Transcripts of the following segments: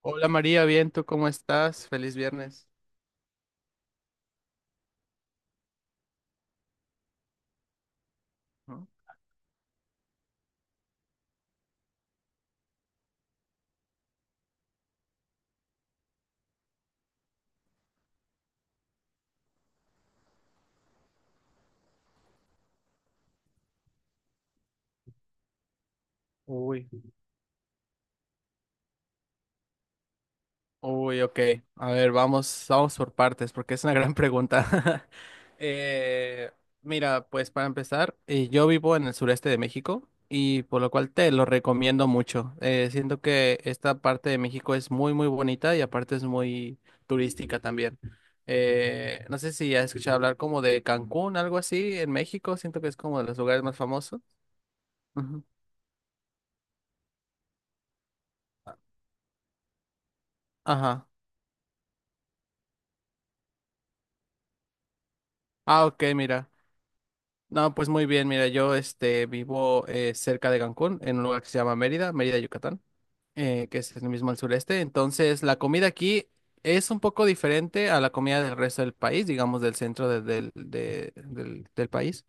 Hola María, bien, ¿tú cómo estás? Feliz viernes. ¿No? Uy, Uy, ok. A ver, vamos por partes, porque es una gran pregunta. Eh, mira, pues para empezar, yo vivo en el sureste de México y por lo cual te lo recomiendo mucho. Siento que esta parte de México es muy, muy bonita y aparte es muy turística también. No sé si has escuchado hablar como de Cancún, algo así, en México. Siento que es como de los lugares más famosos. Ujú. Ajá. Ah, ok, mira. No, pues muy bien, mira, yo vivo cerca de Cancún, en un lugar que se llama Mérida, Mérida, Yucatán, que es el mismo al sureste. Entonces, la comida aquí es un poco diferente a la comida del resto del país, digamos del centro del país.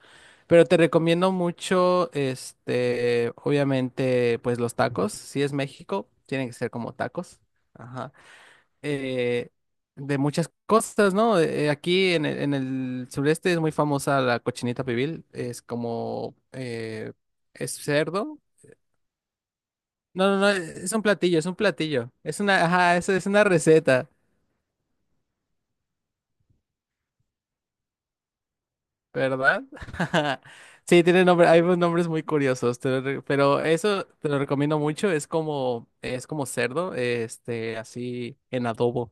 Pero te recomiendo mucho, obviamente, pues los tacos. Si es México, tienen que ser como tacos. Ajá. Eh, de muchas cosas, ¿no? Aquí en el sureste es muy famosa la cochinita pibil, es como, es cerdo. No, no, no, es un platillo, es un platillo. Ajá, es una receta, ¿verdad? Sí, tiene nombre, hay unos nombres muy curiosos, pero eso te lo recomiendo mucho, es como cerdo, así en adobo.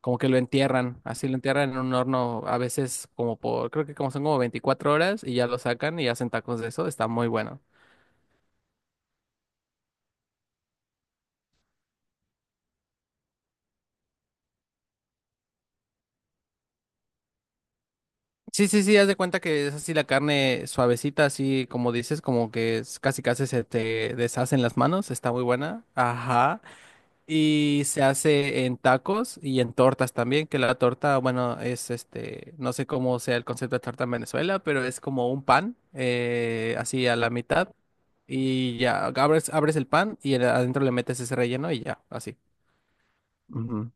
Como que lo entierran, así lo entierran en un horno, a veces como por, creo que como son como 24 horas y ya lo sacan y hacen tacos de eso, está muy bueno. Sí, sí, sí, haz de cuenta que es así la carne suavecita, así como dices, como casi casi se te deshacen las manos, está muy buena. Ajá. Y se hace en tacos y en tortas también, que la torta, bueno, es no sé cómo sea el concepto de torta en Venezuela, pero es como un pan, así a la mitad, y ya, abres el pan adentro le metes ese relleno y ya, así. Ujú.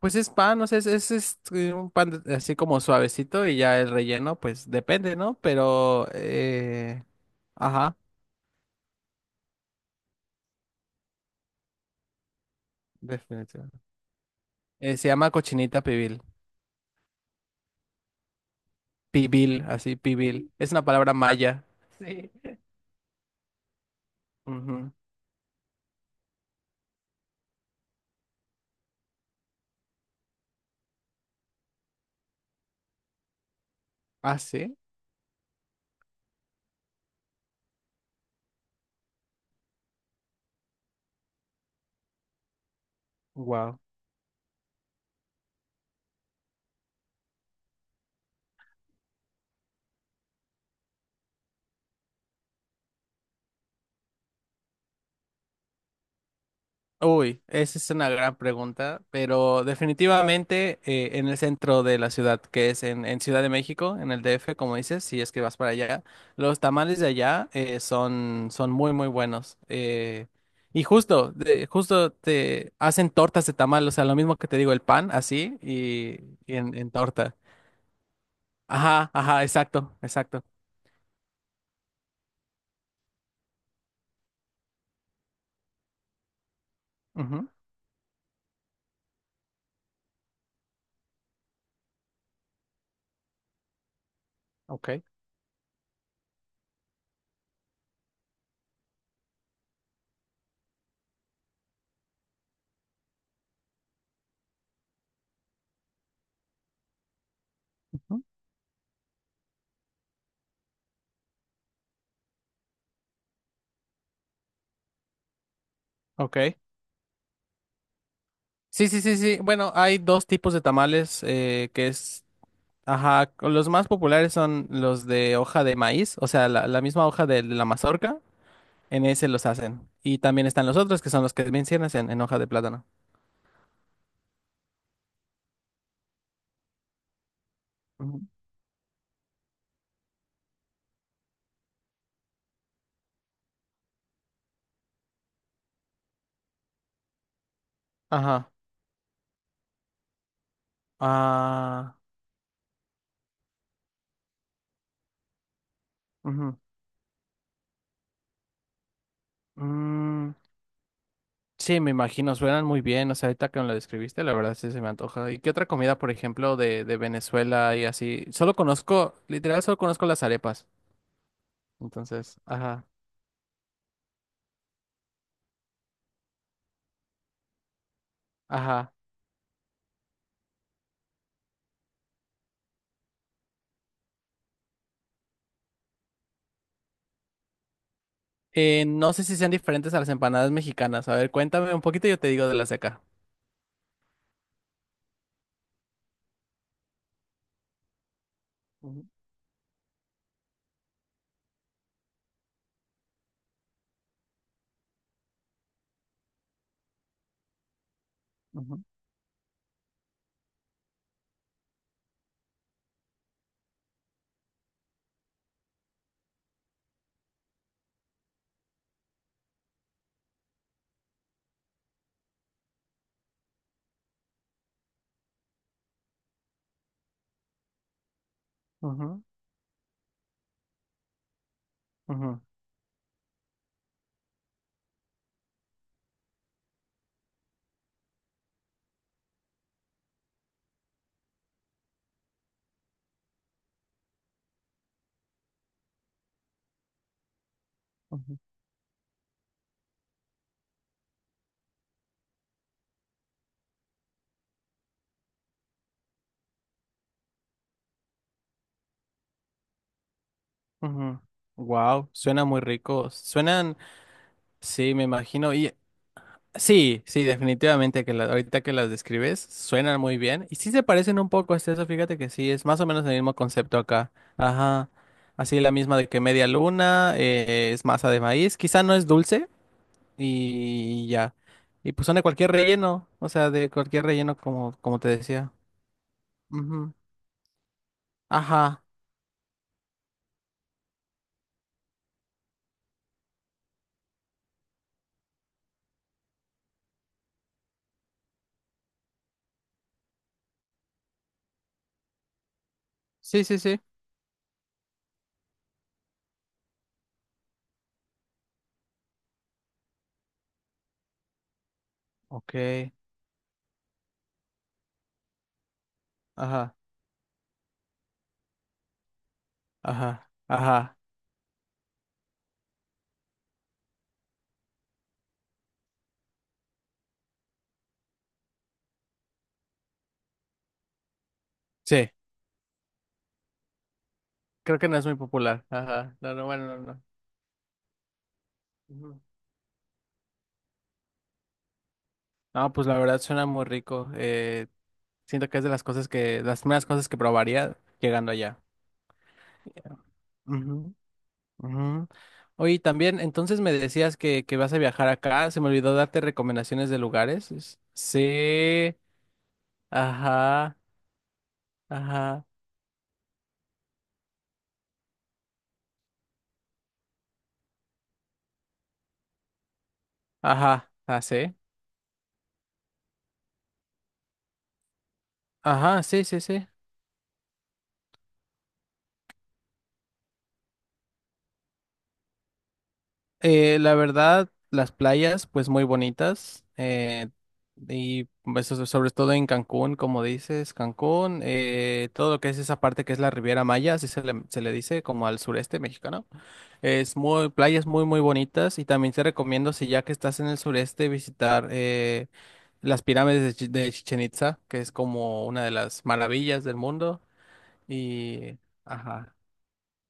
Pues es pan, o sea, es un pan así como suavecito y ya el relleno, pues depende, ¿no? Pero, ajá, definitivamente. Se llama cochinita pibil. Pibil, así, pibil. Es una palabra maya. Sí. Ujú. Ah, sí. Wow. Uy, esa es una gran pregunta, pero definitivamente en el centro de la ciudad, que es en Ciudad de México, en el DF, como dices, si es que vas para allá, los tamales de allá son muy, muy buenos. Y justo te hacen tortas de tamal, o sea, lo mismo que te digo, el pan, así, y en, torta. Ajá, ajá, exacto, exacto. Ujú, ok. Ok. Sí, sí, sí, sí. Bueno, hay dos tipos de tamales, ajá, los más populares son los de hoja de maíz, o sea, la misma hoja de la mazorca, en ese los hacen. Y también están los otros que son los que mencionas en hoja de plátano. Ujú. Ajá. Ah, ujú. Mm, sí, me imagino, suenan muy bien, o sea, ahorita que me lo describiste, la verdad sí se me antoja. ¿Y qué otra comida, por ejemplo, de Venezuela y así? Solo conozco, literal, solo conozco las arepas. Entonces, ajá. Ajá. No sé si sean diferentes a las empanadas mexicanas. A ver, cuéntame un poquito y yo te digo de las de acá. Wow, suena muy rico. Suenan, sí, me imagino. Y sí, sí, definitivamente ahorita que las describes, suenan muy bien. Y sí se parecen un poco a eso, fíjate que sí, es más o menos el mismo concepto acá. Ajá. Así la misma de que media luna, es masa de maíz. Quizá no es dulce, y ya. Y pues son de cualquier relleno, o sea, de cualquier relleno como te decía. Ujú. Ajá. Sí, sí, sí. Ok. Ajá. Ajá. Ajá. Sí. Creo que no es muy popular. Ajá. No, no, bueno, no, no. Ujú. No, pues la verdad suena muy rico. Siento que es de las primeras cosas que probaría llegando allá. Ujú, ujú. Oye, también, entonces me decías que vas a viajar acá. Se me olvidó darte recomendaciones de lugares. Sí. Ajá, ajá, ajá, así. Ajá, sí, sí, sí. La verdad, las playas, pues muy bonitas. Y eso, sobre todo en Cancún, como dices, Cancún, todo lo que es esa parte que es la Riviera Maya, así se le dice, como al sureste mexicano. Es muy, playas muy, muy bonitas. Y también te recomiendo, si ya que estás en el sureste, visitar las pirámides de Chichen Itza, que es como una de las maravillas del mundo. Y, ajá.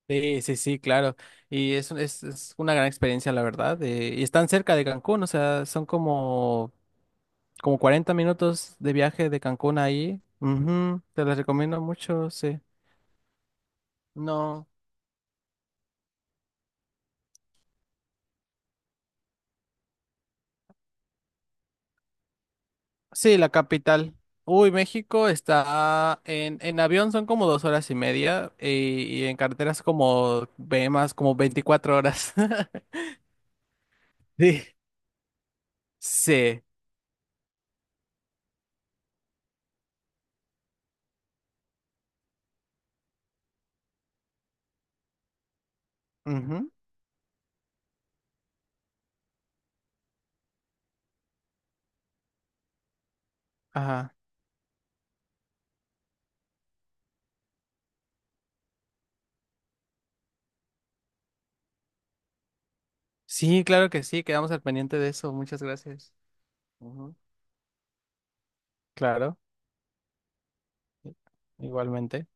Sí, sí, sí, claro. Y es una gran experiencia, la verdad. Y están cerca de Cancún, o sea, son como 40 minutos de viaje de Cancún ahí. Ujú, te las recomiendo mucho, sí. No. Sí, la capital. Uy, México está en avión son como 2 horas y media y en carreteras como ve más como 24 horas. Sí. Sí. Ujú, ajá. Sí, claro que sí, quedamos al pendiente de eso. Muchas gracias. Ujú, claro, i- igualmente.